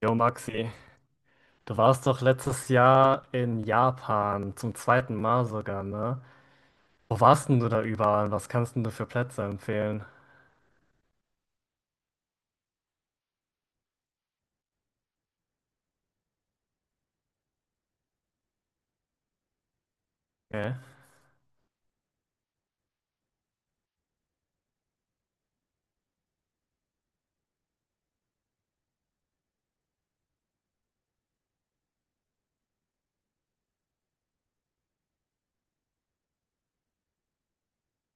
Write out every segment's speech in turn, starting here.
Jo, Maxi, du warst doch letztes Jahr in Japan, zum zweiten Mal sogar, ne? Wo warst denn du da überall? Was kannst denn du für Plätze empfehlen? Okay.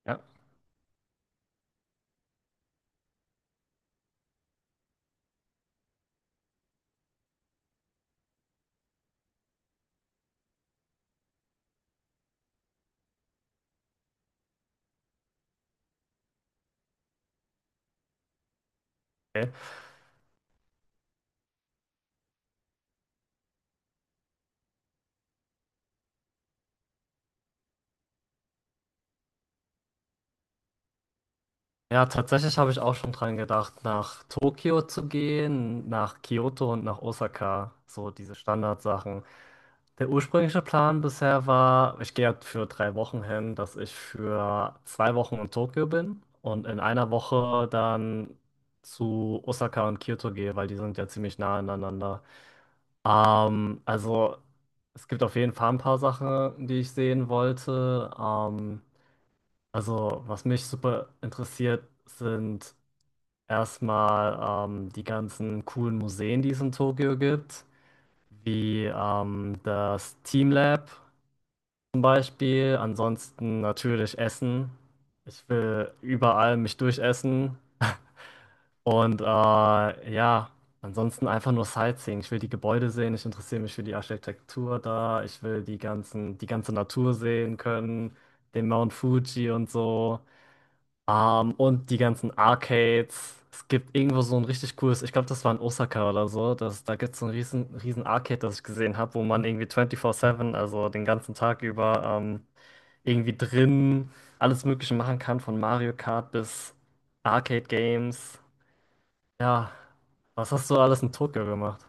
Ja, okay. Ja, tatsächlich habe ich auch schon dran gedacht, nach Tokio zu gehen, nach Kyoto und nach Osaka. So diese Standardsachen. Der ursprüngliche Plan bisher war, ich gehe jetzt für 3 Wochen hin, dass ich für 2 Wochen in Tokio bin und in 1 Woche dann zu Osaka und Kyoto gehe, weil die sind ja ziemlich nah aneinander. Also es gibt auf jeden Fall ein paar Sachen, die ich sehen wollte. Also was mich super interessiert, sind erstmal die ganzen coolen Museen, die es in Tokio gibt, wie das Team Lab zum Beispiel. Ansonsten natürlich Essen. Ich will überall mich durchessen. Und ja, ansonsten einfach nur Sightseeing. Ich will die Gebäude sehen, ich interessiere mich für die Architektur da, ich will die ganze Natur sehen können, den Mount Fuji und so. Und die ganzen Arcades. Es gibt irgendwo so ein richtig cooles, ich glaube, das war in Osaka oder so. Das, da gibt es so ein riesen, riesen Arcade, das ich gesehen habe, wo man irgendwie 24/7, also den ganzen Tag über irgendwie drin alles Mögliche machen kann, von Mario Kart bis Arcade Games. Ja, was hast du alles in Tokio gemacht?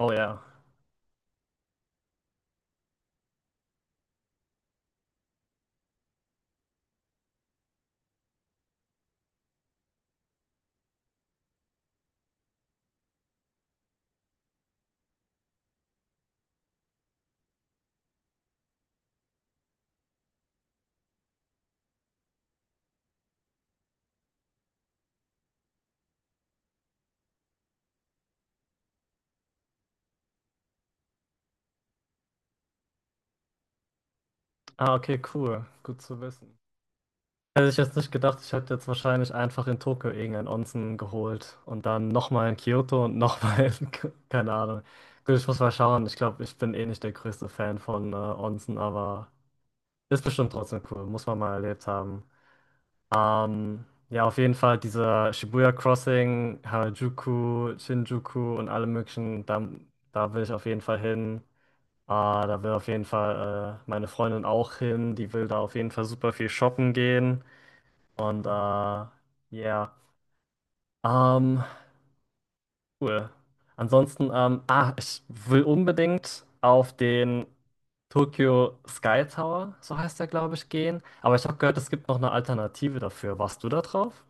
Oh ja. Ah, okay, cool. Gut zu wissen. Hätte ich jetzt nicht gedacht, ich hätte jetzt wahrscheinlich einfach in Tokio irgendein Onsen geholt und dann nochmal in Kyoto und nochmal in, keine Ahnung. Gut, ich muss mal schauen. Ich glaube, ich bin eh nicht der größte Fan von Onsen, aber ist bestimmt trotzdem cool. Muss man mal erlebt haben. Ähm, ja, auf jeden Fall dieser Shibuya Crossing, Harajuku, Shinjuku und alle möglichen, da, da will ich auf jeden Fall hin. Da will auf jeden Fall meine Freundin auch hin. Die will da auf jeden Fall super viel shoppen gehen. Und ja, ähm, cool. Ansonsten, ah, ich will unbedingt auf den Tokyo Sky Tower, so heißt der, glaube ich, gehen. Aber ich habe gehört, es gibt noch eine Alternative dafür. Warst du da drauf?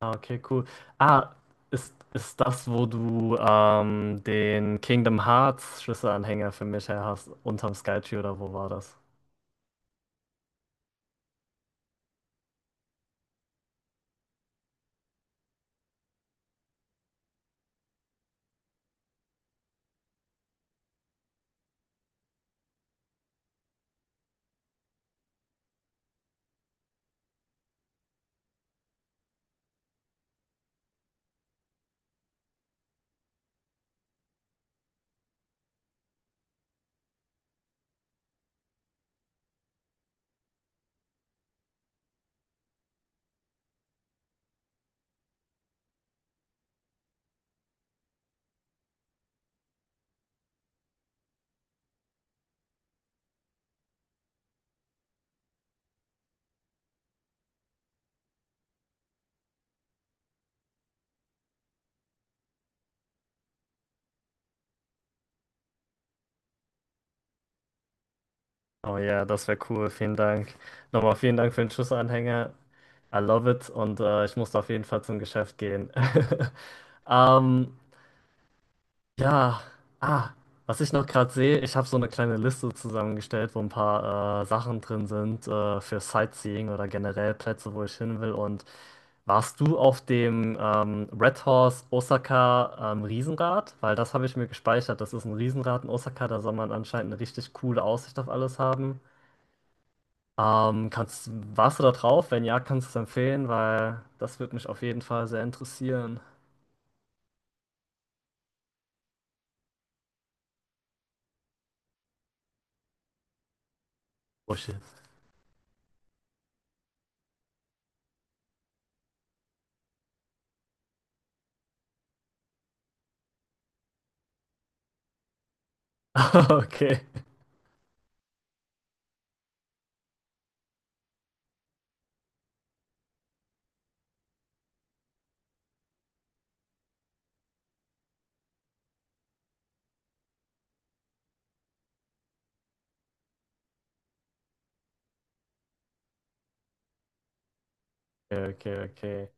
Ah, okay, cool. Ah, ist das, wo du den Kingdom Hearts Schlüsselanhänger für mich her hast, unterm Skytree oder wo war das? Oh ja, das wäre cool. Vielen Dank. Nochmal vielen Dank für den Schlüsselanhänger. I love it und ich muss auf jeden Fall zum Geschäft gehen. Ähm, ja, ah, was ich noch gerade sehe, ich habe so eine kleine Liste zusammengestellt, wo ein paar Sachen drin sind für Sightseeing oder generell Plätze, wo ich hin will. Und warst du auf dem Red Horse Osaka Riesenrad? Weil das habe ich mir gespeichert. Das ist ein Riesenrad in Osaka, da soll man anscheinend eine richtig coole Aussicht auf alles haben. Ähm, kannst, Warst du da drauf? Wenn ja, kannst du es empfehlen, weil das würde mich auf jeden Fall sehr interessieren. Oh shit. Okay. Okay, okay.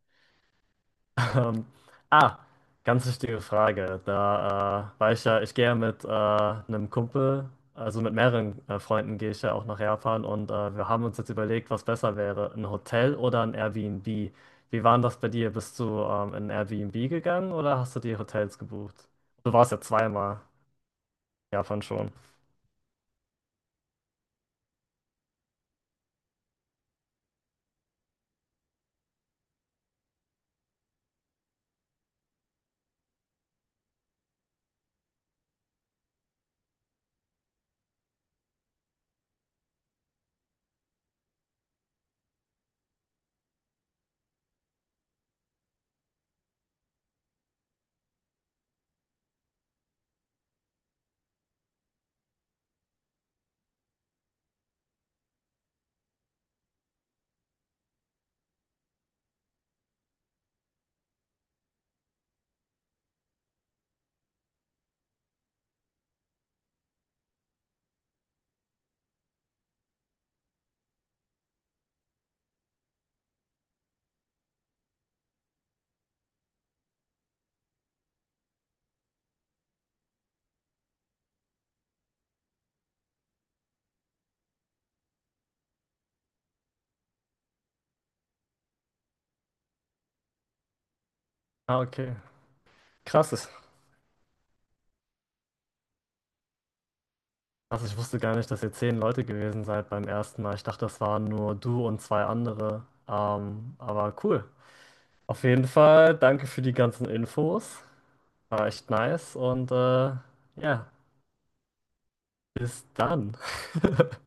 Ähm, ah, Ganz wichtige Frage. Da war ich ja, Ich gehe ja mit einem Kumpel, also mit mehreren Freunden gehe ich ja auch nach Japan und wir haben uns jetzt überlegt, was besser wäre, ein Hotel oder ein Airbnb. Wie war denn das bei dir? Bist du in ein Airbnb gegangen oder hast du dir Hotels gebucht? Du warst ja zweimal in Japan schon. Ah, okay. Krass. Also ich wusste gar nicht, dass ihr 10 Leute gewesen seid beim ersten Mal. Ich dachte, das waren nur du und zwei andere. Aber cool. Auf jeden Fall, danke für die ganzen Infos. War echt nice und ja, bis dann.